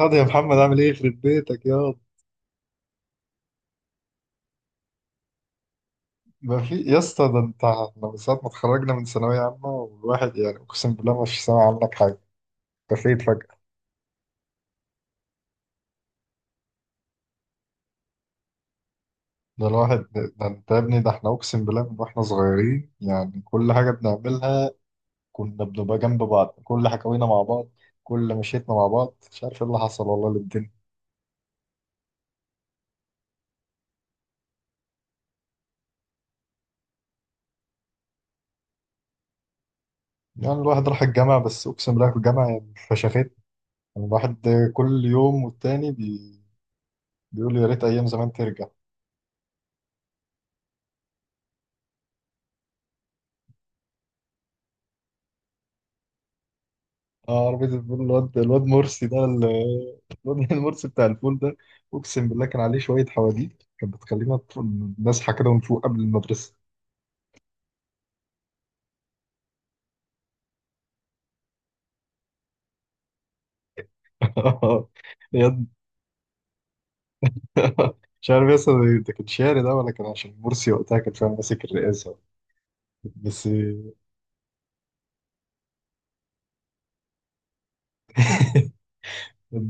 ياض يا محمد، عامل ايه؟ يخرب بيتك ياض. ما في يا اسطى، ده انت احنا من ساعة ما اتخرجنا من ثانوية عامة والواحد يعني اقسم بالله ما فيش سامع عنك حاجة. اختفيت فجأة. ده الواحد، ده انت يا ابني، ده احنا اقسم بالله من واحنا صغيرين يعني كل حاجة بنعملها. كنا بنبقى جنب بعض، كل حكاوينا مع بعض، كل مشيتنا مع بعض. مش عارف ايه اللي حصل والله للدنيا. يعني الواحد راح الجامعة، بس اقسم بالله في الجامعة يعني فشخت الواحد. كل يوم والتاني بيقول يا ريت ايام زمان ترجع. اه، عربية الفول، الواد مرسي ده الواد المرسي بتاع الفول ده، اقسم بالله كان عليه شوية حواديت كانت بتخلينا نصحى كده ونفوق قبل المدرسة. يد مش عارف يا اسطى، ده كان شعر ده ولا كان عشان مرسي وقتها كان فعلا ماسك الرئاسة؟ بس.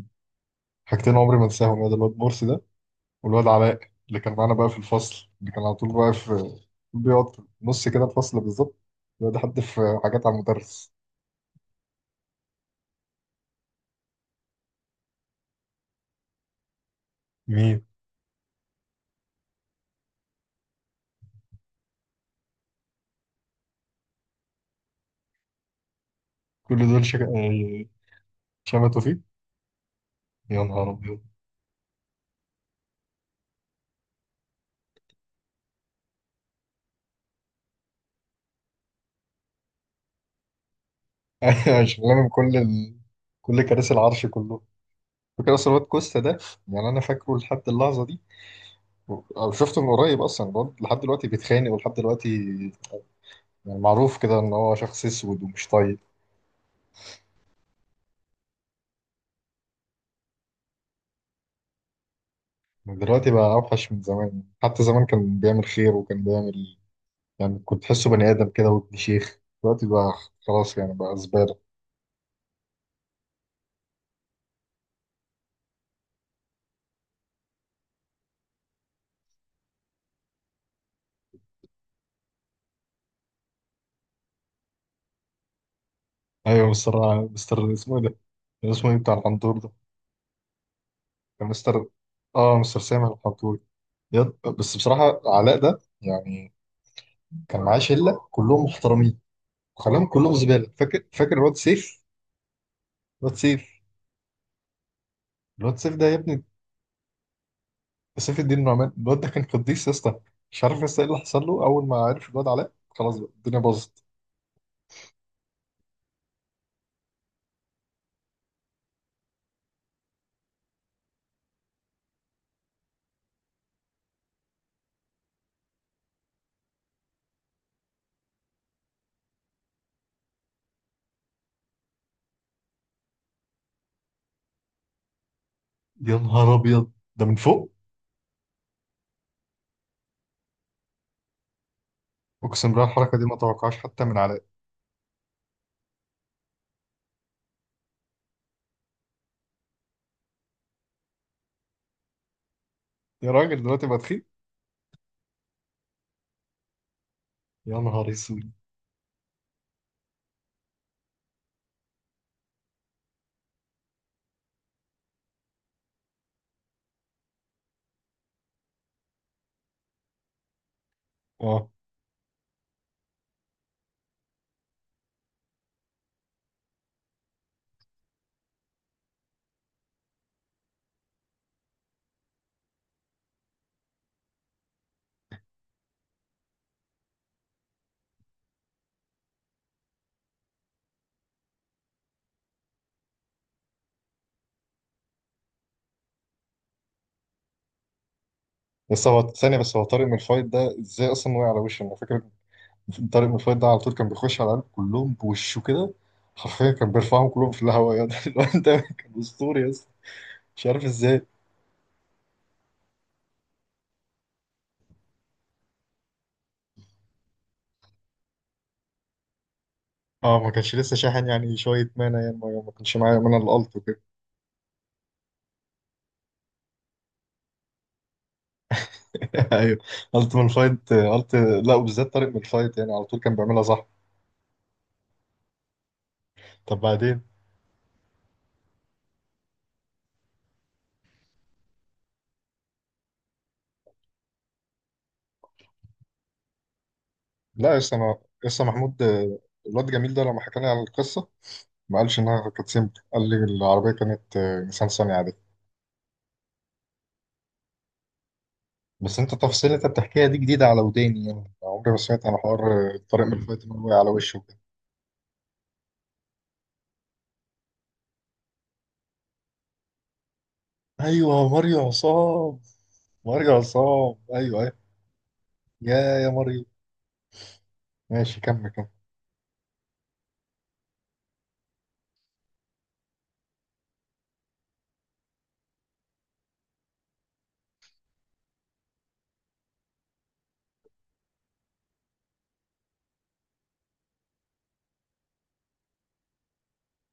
حاجتين عمري ما انساهم، يا ده الواد مرسي ده، والواد علاء اللي كان معانا بقى في الفصل اللي كان على طول بقى في، بيقعد في نص كده الفصل بالظبط، بيقعد يحدف حاجات على المدرس. مين؟ كل دول شك... شمال توفيق. يا نهار ابيض. أيوة، شغلانه من كل ال... كل كراسي العرش كله. فاكر اصلا الواد كوستا ده؟ يعني انا فاكره لحد اللحظه دي، أو شفته من قريب اصلا الواد لحد دلوقتي بيتخانق ولحد دلوقتي. يعني معروف كده ان هو شخص اسود ومش طيب. دلوقتي بقى اوحش من زمان، حتى زمان كان بيعمل خير وكان بيعمل، يعني كنت تحسه بني ادم كده وابن شيخ. دلوقتي بقى خلاص يعني بقى زباله. ايوه، مستر اسمه ايه ده؟ اسمه ايه بتاع الحنطور ده؟ كان مستر، اه مستر سامح الحنطور. بس بصراحة علاء ده يعني كان معاه شلة كلهم محترمين، وخلاهم كلهم زبالة. فاكر فاكر الواد سيف، الواد سيف، الواد سيف ده يا ابني، سيف الدين النعمان. الواد ده كان قديس يا اسطى. مش عارف يا اسطى ايه اللي حصل له، أول ما عرف الواد علاء خلاص بقى الدنيا باظت. يا نهار أبيض، ده من فوق؟ أقسم بالله الحركة دي ما توقعهاش حتى من علاء. يا راجل دلوقتي بقى تخين. يا نهار اسود. اه، بس هو ثانية بس هو طارق من الفايت ده ازاي أصلا وقع على وشه أنا فاكر طارق مفيد ده على طول كان بيخش على العيال كلهم بوشه كده حرفيا كان بيرفعهم كلهم في الهواء يعني الواد ده كان اسطوري يا اسطى مش عارف ازاي اه ما كانش لسه شاحن يعني شويه، مانا يعني ما كانش معايا مانا الالت وكده. ايوه، الت من الفايت الت. لا، وبالذات طارق من الفايت يعني على طول كان بيعملها صح. طب بعدين؟ لا، لسه انا، لسه محمود، الواد جميل ده لما حكى لي على القصه ما قالش انها كانت سيمبل، قال لي العربيه كانت نيسان صني عادي. بس انت التفاصيل اللي انت بتحكيها دي جديدة على وداني، يعني عمري ما سمعت عن حوار طارق من الفوات انه وقع على وشه وكده. ايوه ماريو عصام، ماريو عصام، ايوه ايوه. يا يا ماريو. ماشي كمل كمل.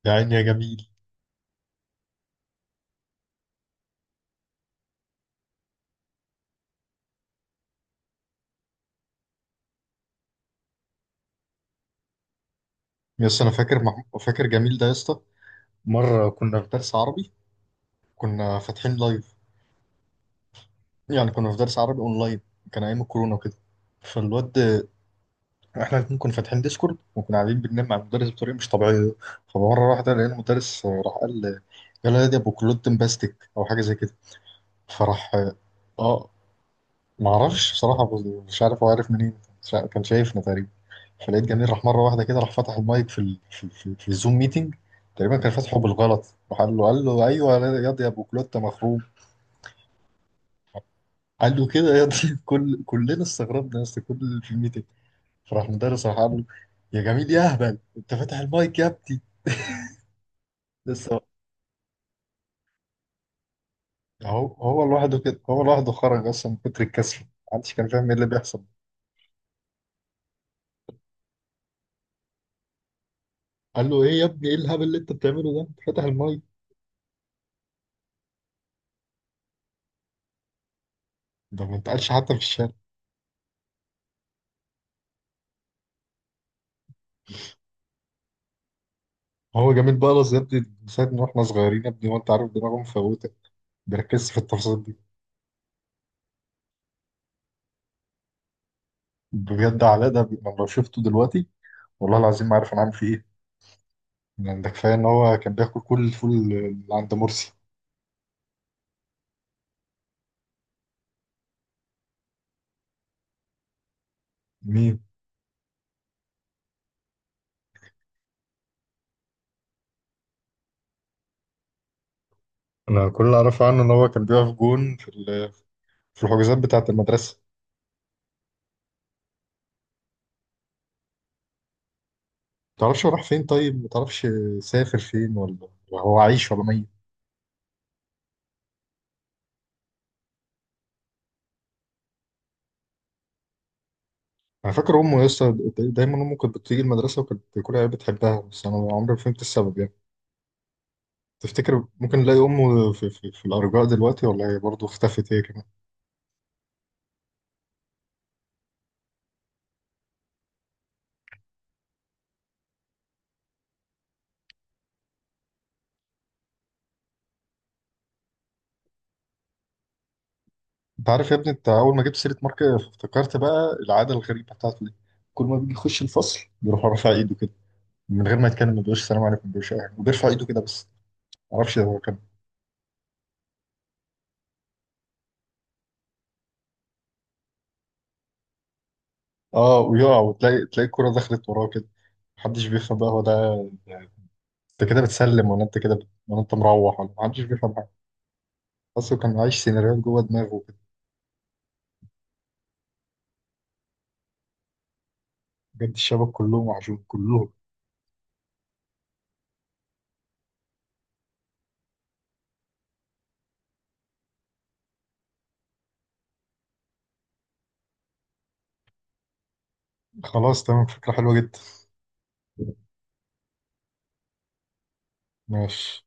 يا عيني يا جميل. يا اسطى انا فاكر جميل ده يا اسطى، مرة كنا في درس عربي، كنا فاتحين لايف، يعني كنا في درس عربي اونلاين، كان ايام الكورونا وكده. فالواد، احنا الاتنين كنا فاتحين ديسكورد وكنا قاعدين بننام مع المدرس بطريقه مش طبيعيه. فمره واحده لقينا المدرس راح قال، يلا يا دي ابو كلوتن باستيك او حاجه زي كده. فراح اه، آه، ما اعرفش بصراحه، مش عارف هو عارف منين، مش عارف، كان شايفنا تقريبا. فلقيت جميل راح مره واحده كده راح فتح المايك في الزوم ميتنج، تقريبا كان فاتحه بالغلط. راح قال له، قال له ايوه يا دي ابو كلوتة مخروم. قال له كده يا دي، كل كلنا استغربنا يا اسطى كل اللي في الميتنج. فراح المدرس راح قال له، يا جميل يا اهبل انت فاتح المايك يا ابني، لسه. هو لوحده كده، هو لوحده خرج اصلا من كتر الكسل. محدش كان فاهم ايه اللي بيحصل. قال له ايه يا ابني، ايه الهبل اللي انت بتعمله ده، انت فاتح المايك، ده ما اتقالش حتى في الشارع. هو جميل بلس يا ابني من ساعه ما احنا صغيرين يا ابني، وانت عارف دماغه مفوته بيركز في التفاصيل دي. بجد علاء ده أنا لو شفته دلوقتي والله العظيم ما عارف انا عامل فيه ايه، يعني ده كفايه ان هو كان بياكل كل الفول اللي عند مرسي. مين؟ انا كل اللي اعرفه عنه ان هو كان بيقف جون في في الحجوزات بتاعه المدرسه. تعرفش هو راح فين؟ طيب ما تعرفش سافر فين، ولا هو عايش ولا ميت؟ انا فاكر امه يا اسطى، دايما امه كانت بتيجي المدرسه وكانت كل عيال بتحبها بس انا عمري ما فهمت السبب يعني. تفتكر ممكن نلاقي امه في الارجاء دلوقتي، ولا هي برضه اختفت هي كمان؟ انت عارف يا ابني، انت اول ما جبت سيره مارك افتكرت بقى العاده الغريبه بتاعته دي، كل ما بيجي يخش الفصل بيروح رافع ايده كده من غير ما يتكلم، ما بيقولش السلام عليكم، ما بيقولش اي حاجه وبيرفع ايده كده بس. ما اعرفش هو كان. اه، ويقع وتلاقي تلاقي الكوره دخلت وراه كده. محدش بيفهم بقى هو ده، انت كده بتسلم ولا انت ولا انت مروح؟ ولا محدش بيفهم حاجه. بس كان عايش سيناريوهات جوه دماغه كده. بجد الشباب كلهم وحشون كلهم. خلاص تمام، فكره حلوه جدا. ماشي.